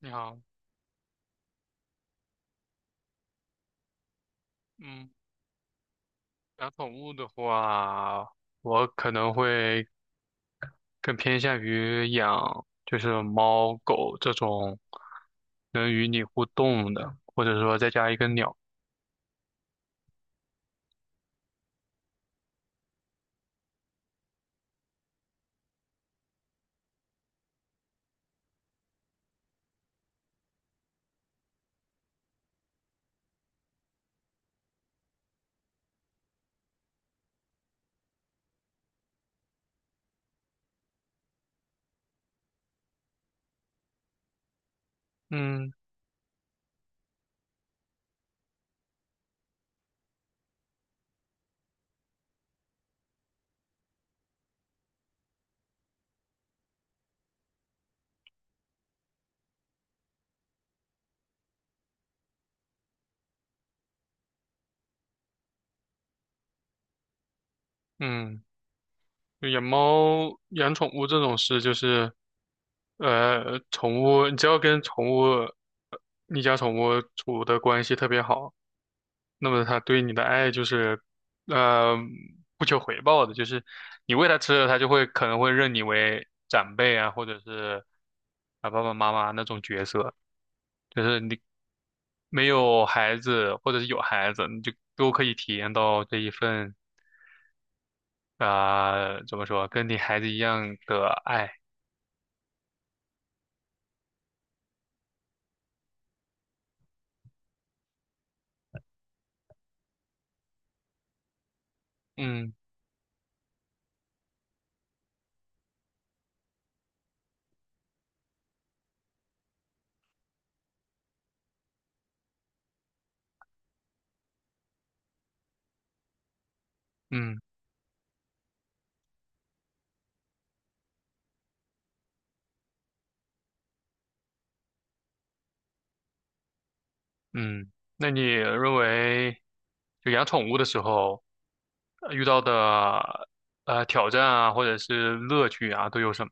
你好。嗯，养宠物的话，我可能会更偏向于养就是猫狗这种能与你互动的，或者说再加一个鸟。嗯嗯，养猫养宠物这种事就是，宠物你只要跟宠物，你家宠物处的关系特别好。那么他对你的爱就是，呃，不求回报的，就是你喂他吃了，他就会可能会认你为长辈啊，或者是啊爸爸妈妈那种角色。就是你没有孩子，或者是有孩子，你就都可以体验到这一份啊、怎么说，跟你孩子一样的爱。嗯嗯嗯。那你认为就养宠物的时候遇到的挑战啊，或者是乐趣啊，都有什么？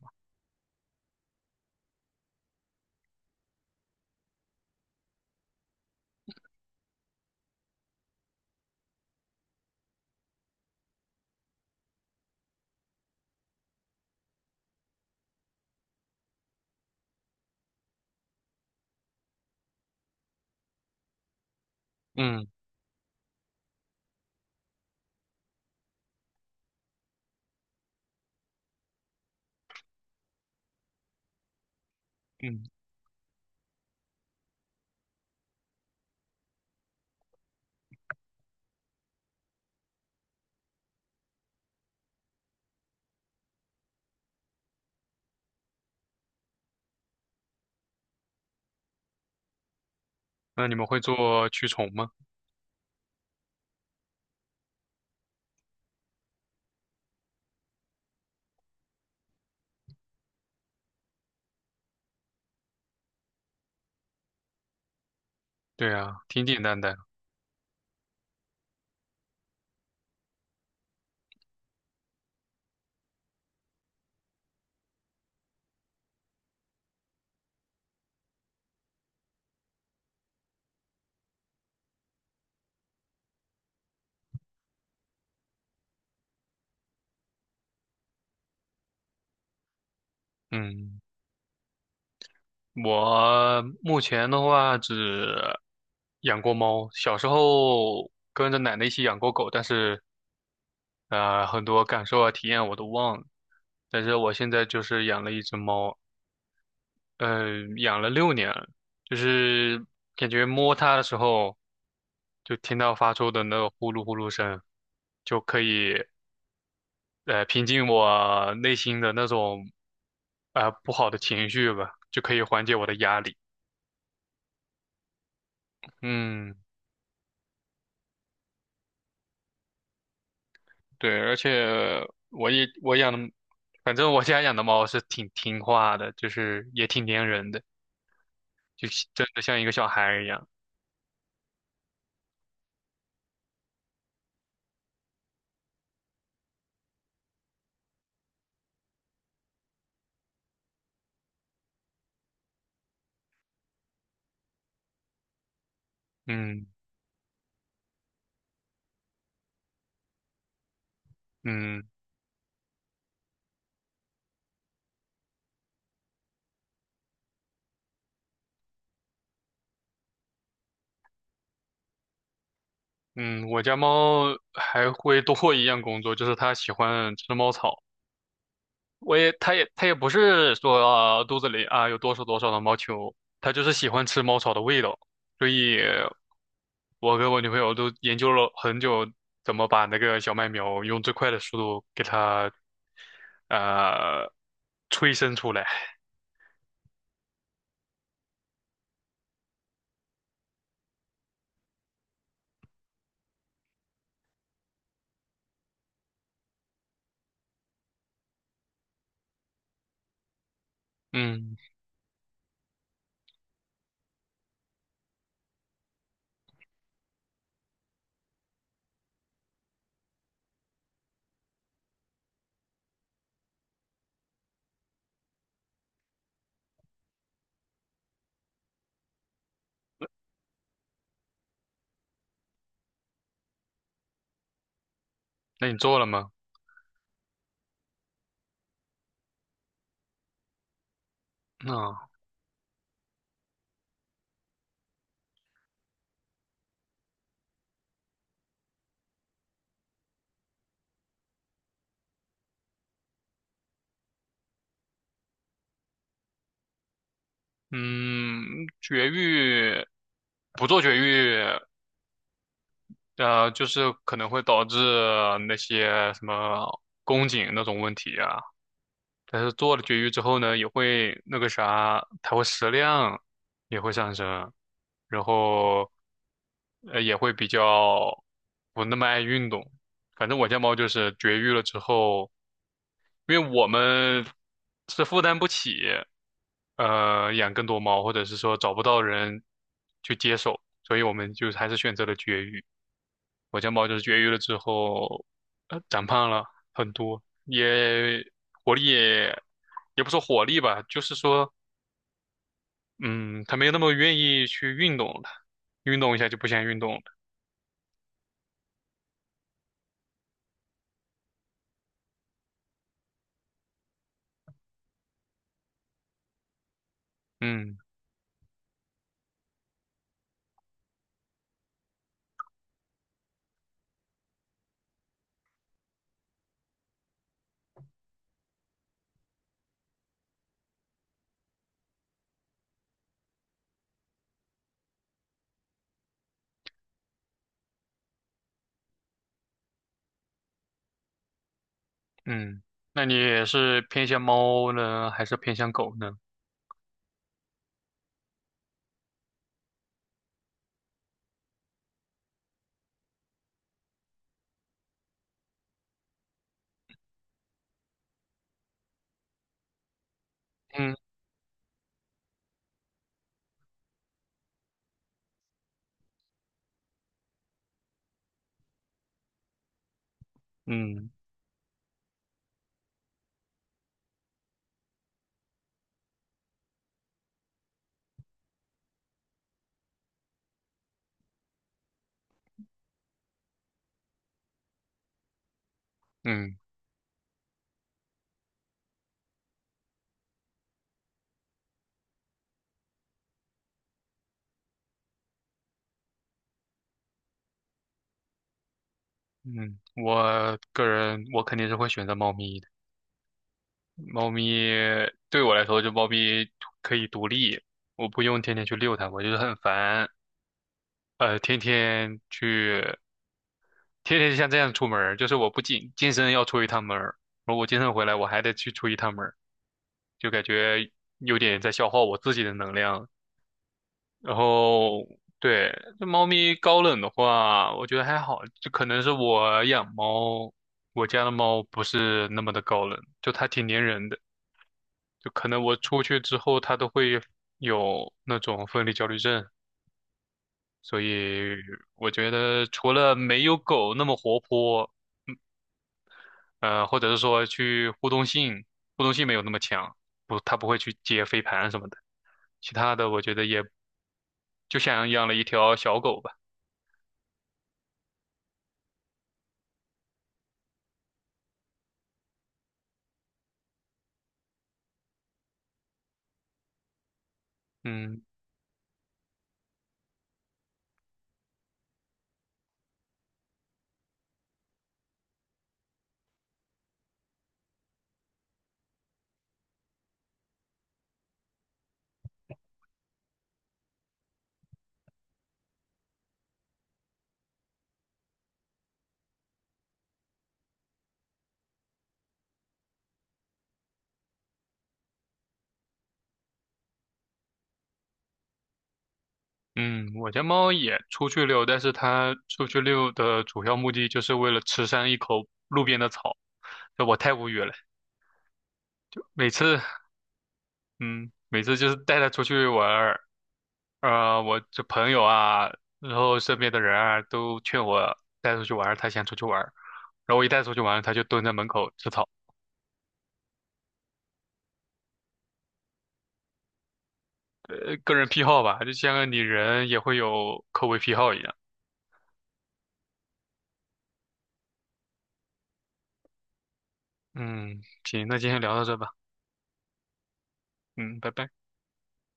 嗯。嗯，那你们会做驱虫吗？对啊，挺简单的。嗯，我目前的话只养过猫，小时候跟着奶奶一起养过狗，但是很多感受啊、体验啊我都忘了。但是我现在就是养了一只猫，嗯，养了6年了，就是感觉摸它的时候，就听到发出的那个呼噜呼噜声，就可以。平静我内心的那种啊不好的情绪吧，就可以缓解我的压力。嗯，对，而且我养的，反正我家养的猫是挺听话的，就是也挺粘人的，就是真的像一个小孩儿一样。嗯嗯嗯。我家猫还会多一样工作，就是它喜欢吃猫草。它也不是说、啊肚子里啊有多少多少的毛球，它就是喜欢吃猫草的味道，所以我跟我女朋友都研究了很久，怎么把那个小麦苗用最快的速度给它呃催生出来。嗯，那你做了吗？啊，嗯，绝育不做绝育，就是可能会导致那些什么宫颈那种问题啊。但是做了绝育之后呢，也会那个啥，它会食量也会上升，然后也会比较不那么爱运动。反正我家猫就是绝育了之后，因为我们是负担不起养更多猫，或者是说找不到人去接手，所以我们就还是选择了绝育。我家猫就是绝育了之后，长胖了很多，也活力也不说活力吧，就是说，嗯，它没有那么愿意去运动了，运动一下就不想运动了。嗯嗯，那你也是偏向猫呢，还是偏向狗呢？嗯嗯嗯嗯，我个人我肯定是会选择猫咪的。猫咪对我来说，就猫咪可以独立，我不用天天去遛它，我就是很烦。呃，天天去，天天就像这样出门儿就是我不仅健身要出一趟门儿，而我健身回来我还得去出一趟门儿就感觉有点在消耗我自己的能量。然后，对，这猫咪高冷的话，我觉得还好，就可能是我养猫，我家的猫不是那么的高冷，就它挺粘人的，就可能我出去之后它都会有那种分离焦虑症。所以我觉得除了没有狗那么活泼，嗯或者是说去互动性，互动性没有那么强，不，它不会去接飞盘什么的。其他的我觉得也就像养了一条小狗吧。嗯嗯，我家猫也出去遛，但是它出去遛的主要目的就是为了吃上一口路边的草，我太无语了。每次，嗯，每次就是带它出去玩儿，我这朋友啊，然后身边的人啊，都劝我带出去玩儿他想出去玩儿然后我一带出去玩儿他就蹲在门口吃草。个人癖好吧，就像你人也会有口味癖好一样。嗯，行，那今天聊到这吧。嗯，拜拜。